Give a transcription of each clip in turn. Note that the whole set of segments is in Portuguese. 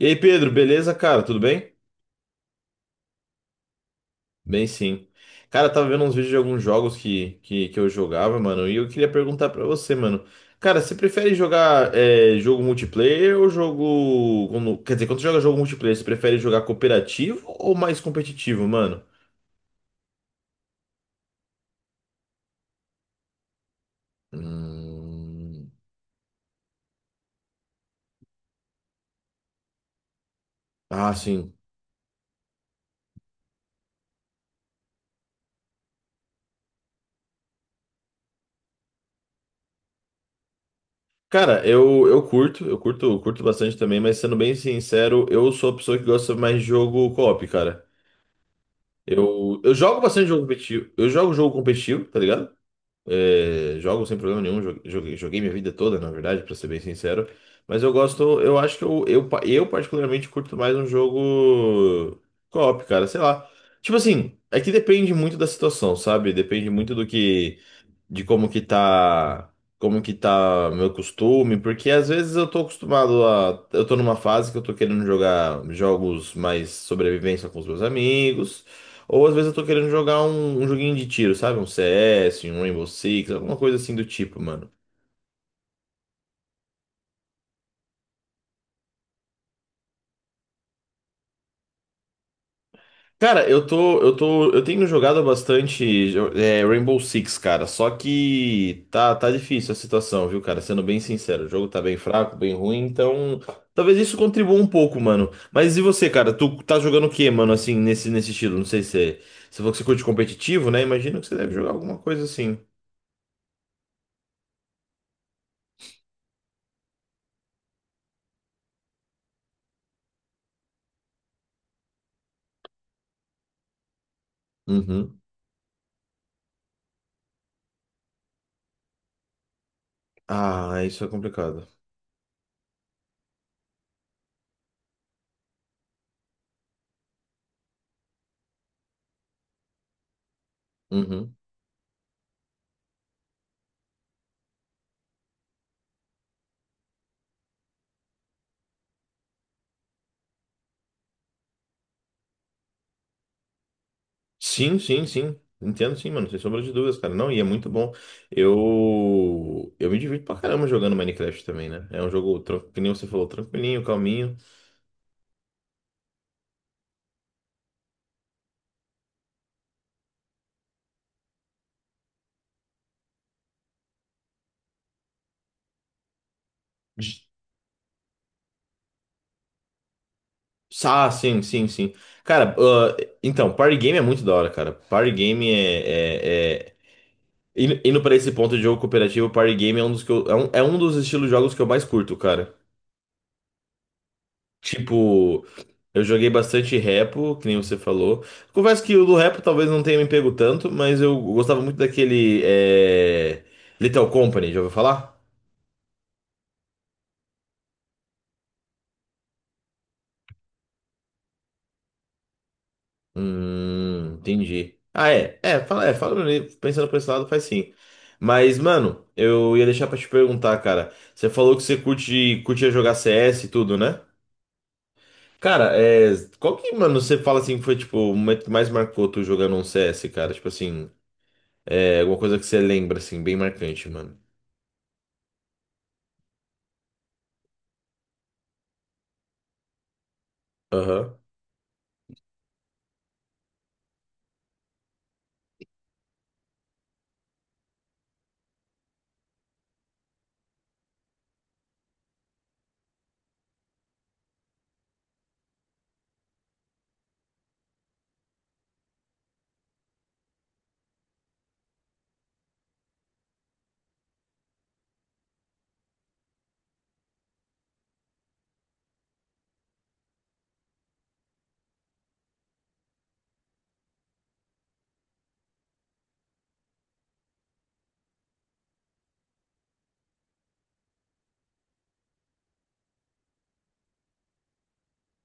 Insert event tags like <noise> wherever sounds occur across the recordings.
E aí, Pedro, beleza, cara? Tudo bem? Bem, sim. Cara, eu tava vendo uns vídeos de alguns jogos que eu jogava, mano, e eu queria perguntar pra você, mano. Cara, você prefere jogar jogo multiplayer ou jogo. Quer dizer, quando você joga jogo multiplayer, você prefere jogar cooperativo ou mais competitivo, mano? Hum... Ah, sim. Cara, eu curto bastante também, mas sendo bem sincero, eu sou a pessoa que gosta mais de jogo co-op, cara. Eu jogo bastante jogo competitivo, eu jogo jogo competitivo, tá ligado? É, jogo sem problema nenhum, joguei, joguei minha vida toda, na verdade, pra ser bem sincero. Mas eu gosto, eu acho que eu particularmente curto mais um jogo co-op, cara, sei lá. Tipo assim, é que depende muito da situação, sabe? Depende muito do que de como que tá meu costume, porque às vezes eu tô acostumado a, eu tô numa fase que eu tô querendo jogar jogos mais sobrevivência com os meus amigos, ou às vezes eu tô querendo jogar um joguinho de tiro, sabe? Um CS, um Rainbow Six, alguma coisa assim do tipo, mano. Cara, eu tenho jogado bastante é, Rainbow Six, cara. Só que tá difícil a situação, viu, cara? Sendo bem sincero, o jogo tá bem fraco, bem ruim, então talvez isso contribua um pouco, mano. Mas e você, cara? Tu tá jogando o quê, mano? Assim, nesse estilo? Não sei se é- você falou que você curte competitivo, né? Imagino que você deve jogar alguma coisa assim. Uhum. Ah, isso é complicado. Uhum. Sim, sim, sim. Entendo, sim, mano. Sem sombra de dúvidas, cara. Não, e é muito bom. Eu me divirto pra caramba jogando Minecraft também, né? É um jogo, que nem você falou, tranquilinho, calminho. J- Ah, sim, sim, sim. Cara, ah, então, party game é muito da hora, cara. Party game é Indo indo pra esse ponto de jogo cooperativo, party game é um dos que é um dos estilos de jogos que eu mais curto, cara. Tipo, eu joguei bastante repo, que nem você falou. Confesso que o do repo talvez não tenha me pego tanto, mas eu gostava muito daquele Little Company, já ouviu falar? Entendi. Ah, é. Pensando por esse lado, faz sim. Mas, mano, eu ia deixar pra te perguntar, cara. Você falou que você curte, curtia jogar CS e tudo, né? Cara, é, qual que, mano, você fala assim que foi, tipo, o momento que mais marcou tu jogando um CS, cara? Tipo assim. É alguma coisa que você lembra, assim, bem marcante, mano. Aham.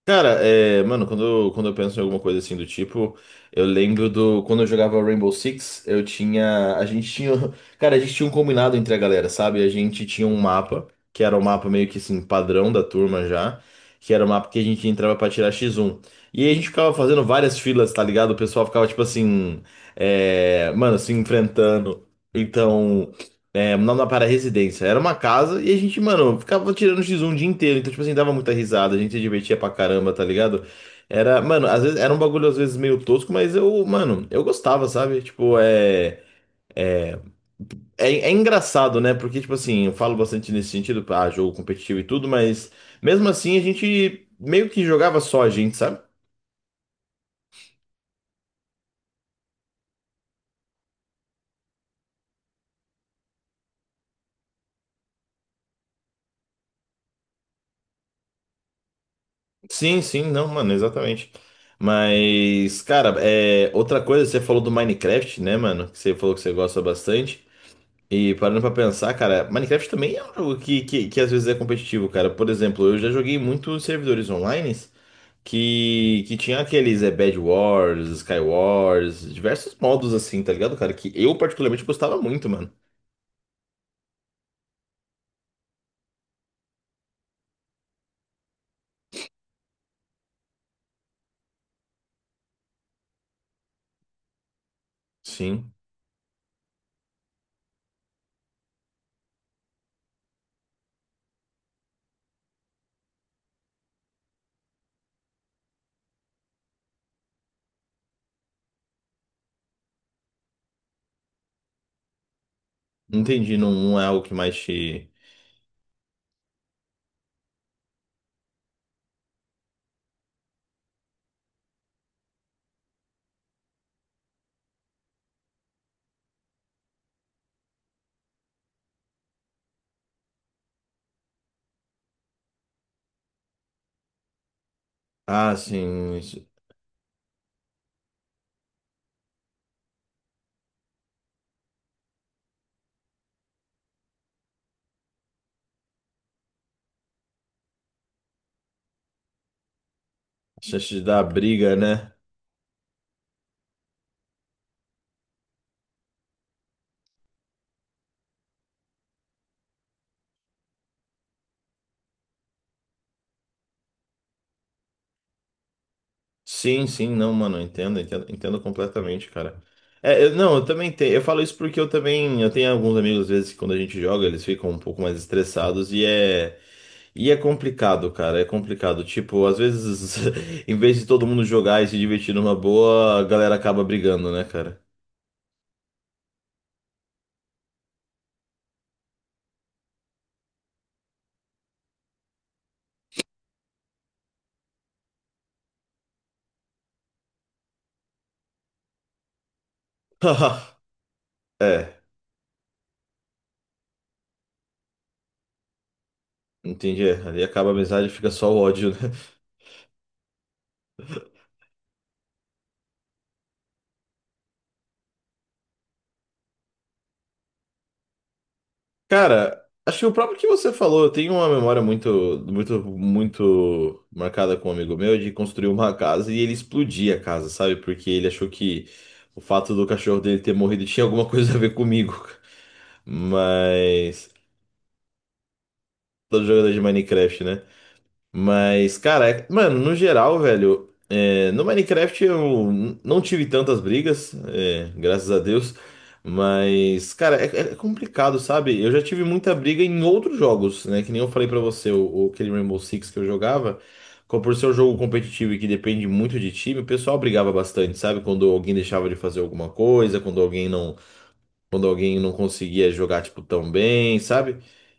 Cara, é, mano, quando eu penso em alguma coisa assim do tipo, eu lembro do. Quando eu jogava Rainbow Six, eu tinha. A gente tinha. <laughs> Cara, a gente tinha um combinado entre a galera, sabe? A gente tinha um mapa, que era o mapa meio que assim, padrão da turma já, que era o mapa que a gente entrava pra tirar X1. E aí a gente ficava fazendo várias filas, tá ligado? O pessoal ficava, tipo assim. Mano, se enfrentando. Então. É, não para a residência. Era uma casa e a gente, mano, ficava tirando x um o dia inteiro. Então, tipo assim, dava muita risada, a gente se divertia pra caramba, tá ligado? Era, mano, às vezes era um bagulho às vezes meio tosco, mas eu, mano, eu gostava, sabe? Tipo, é. É, é engraçado, né? Porque, tipo assim, eu falo bastante nesse sentido, ah, jogo competitivo e tudo, mas mesmo assim a gente meio que jogava só a gente, sabe? Sim, sim, não, mano, exatamente. Mas, cara, é, outra coisa, você falou do Minecraft, né, mano? Que você falou que você gosta bastante. E parando pra pensar, cara, Minecraft também é um jogo que às vezes é competitivo, cara. Por exemplo, eu já joguei muitos servidores online que tinha aqueles é, Bed Wars, Sky Wars, diversos modos assim, tá ligado, cara? Que eu particularmente gostava muito, mano. Sim. Entendi, não, não é algo que mais te. Ah, sim. Chance de dar briga, né? Sim, sim, não, mano, eu entendo, entendo, entendo completamente, cara. É, não, eu também tenho, eu falo isso porque eu tenho alguns amigos, às vezes, que quando a gente joga, eles ficam um pouco mais estressados e é complicado, cara, é complicado. Tipo, às vezes, <laughs> em vez de todo mundo jogar e se divertir numa boa, a galera acaba brigando, né, cara? <laughs> É, entendi, é, ali acaba a amizade e fica só o ódio, né? Cara, acho que o próprio que você falou, eu tenho uma memória muito marcada com um amigo meu de construir uma casa e ele explodir a casa, sabe? Porque ele achou que o fato do cachorro dele ter morrido tinha alguma coisa a ver comigo. <laughs> Mas. Todo jogador de Minecraft, né? Mas, cara, mano, no geral, velho, é, no Minecraft eu não tive tantas brigas, é, graças a Deus. Mas, cara, é, é complicado, sabe? Eu já tive muita briga em outros jogos, né? Que nem eu falei pra você, aquele Rainbow Six que eu jogava. Por ser um jogo competitivo e que depende muito de time, o pessoal brigava bastante, sabe? Quando alguém deixava de fazer alguma coisa, quando alguém não conseguia jogar, tipo, tão bem, sabe?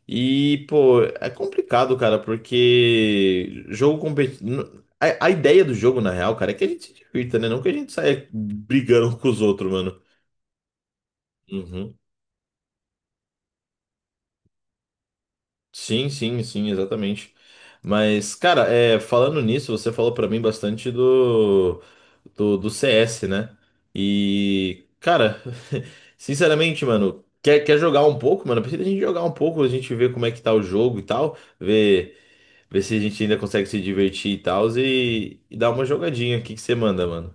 E, pô, é complicado, cara, porque jogo competitivo. A ideia do jogo, na real, cara, é que a gente se divirta, né? Não que a gente saia brigando <laughs> com os outros, mano. Uhum. Sim, sim, sim, exatamente. Mas, cara, é, falando nisso, você falou pra mim bastante do CS, né? E, cara, <laughs> sinceramente, mano, quer jogar um pouco, mano? Precisa a gente jogar um pouco, a gente ver como é que tá o jogo e tal, ver se a gente ainda consegue se divertir e tal, e dar uma jogadinha. O que que você manda, mano?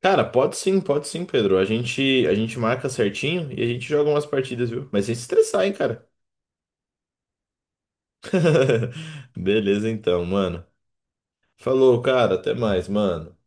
Cara, pode sim, Pedro. A gente marca certinho e a gente joga umas partidas, viu? Mas sem se estressar, hein, cara. <laughs> Beleza então, mano. Falou, cara. Até mais, mano.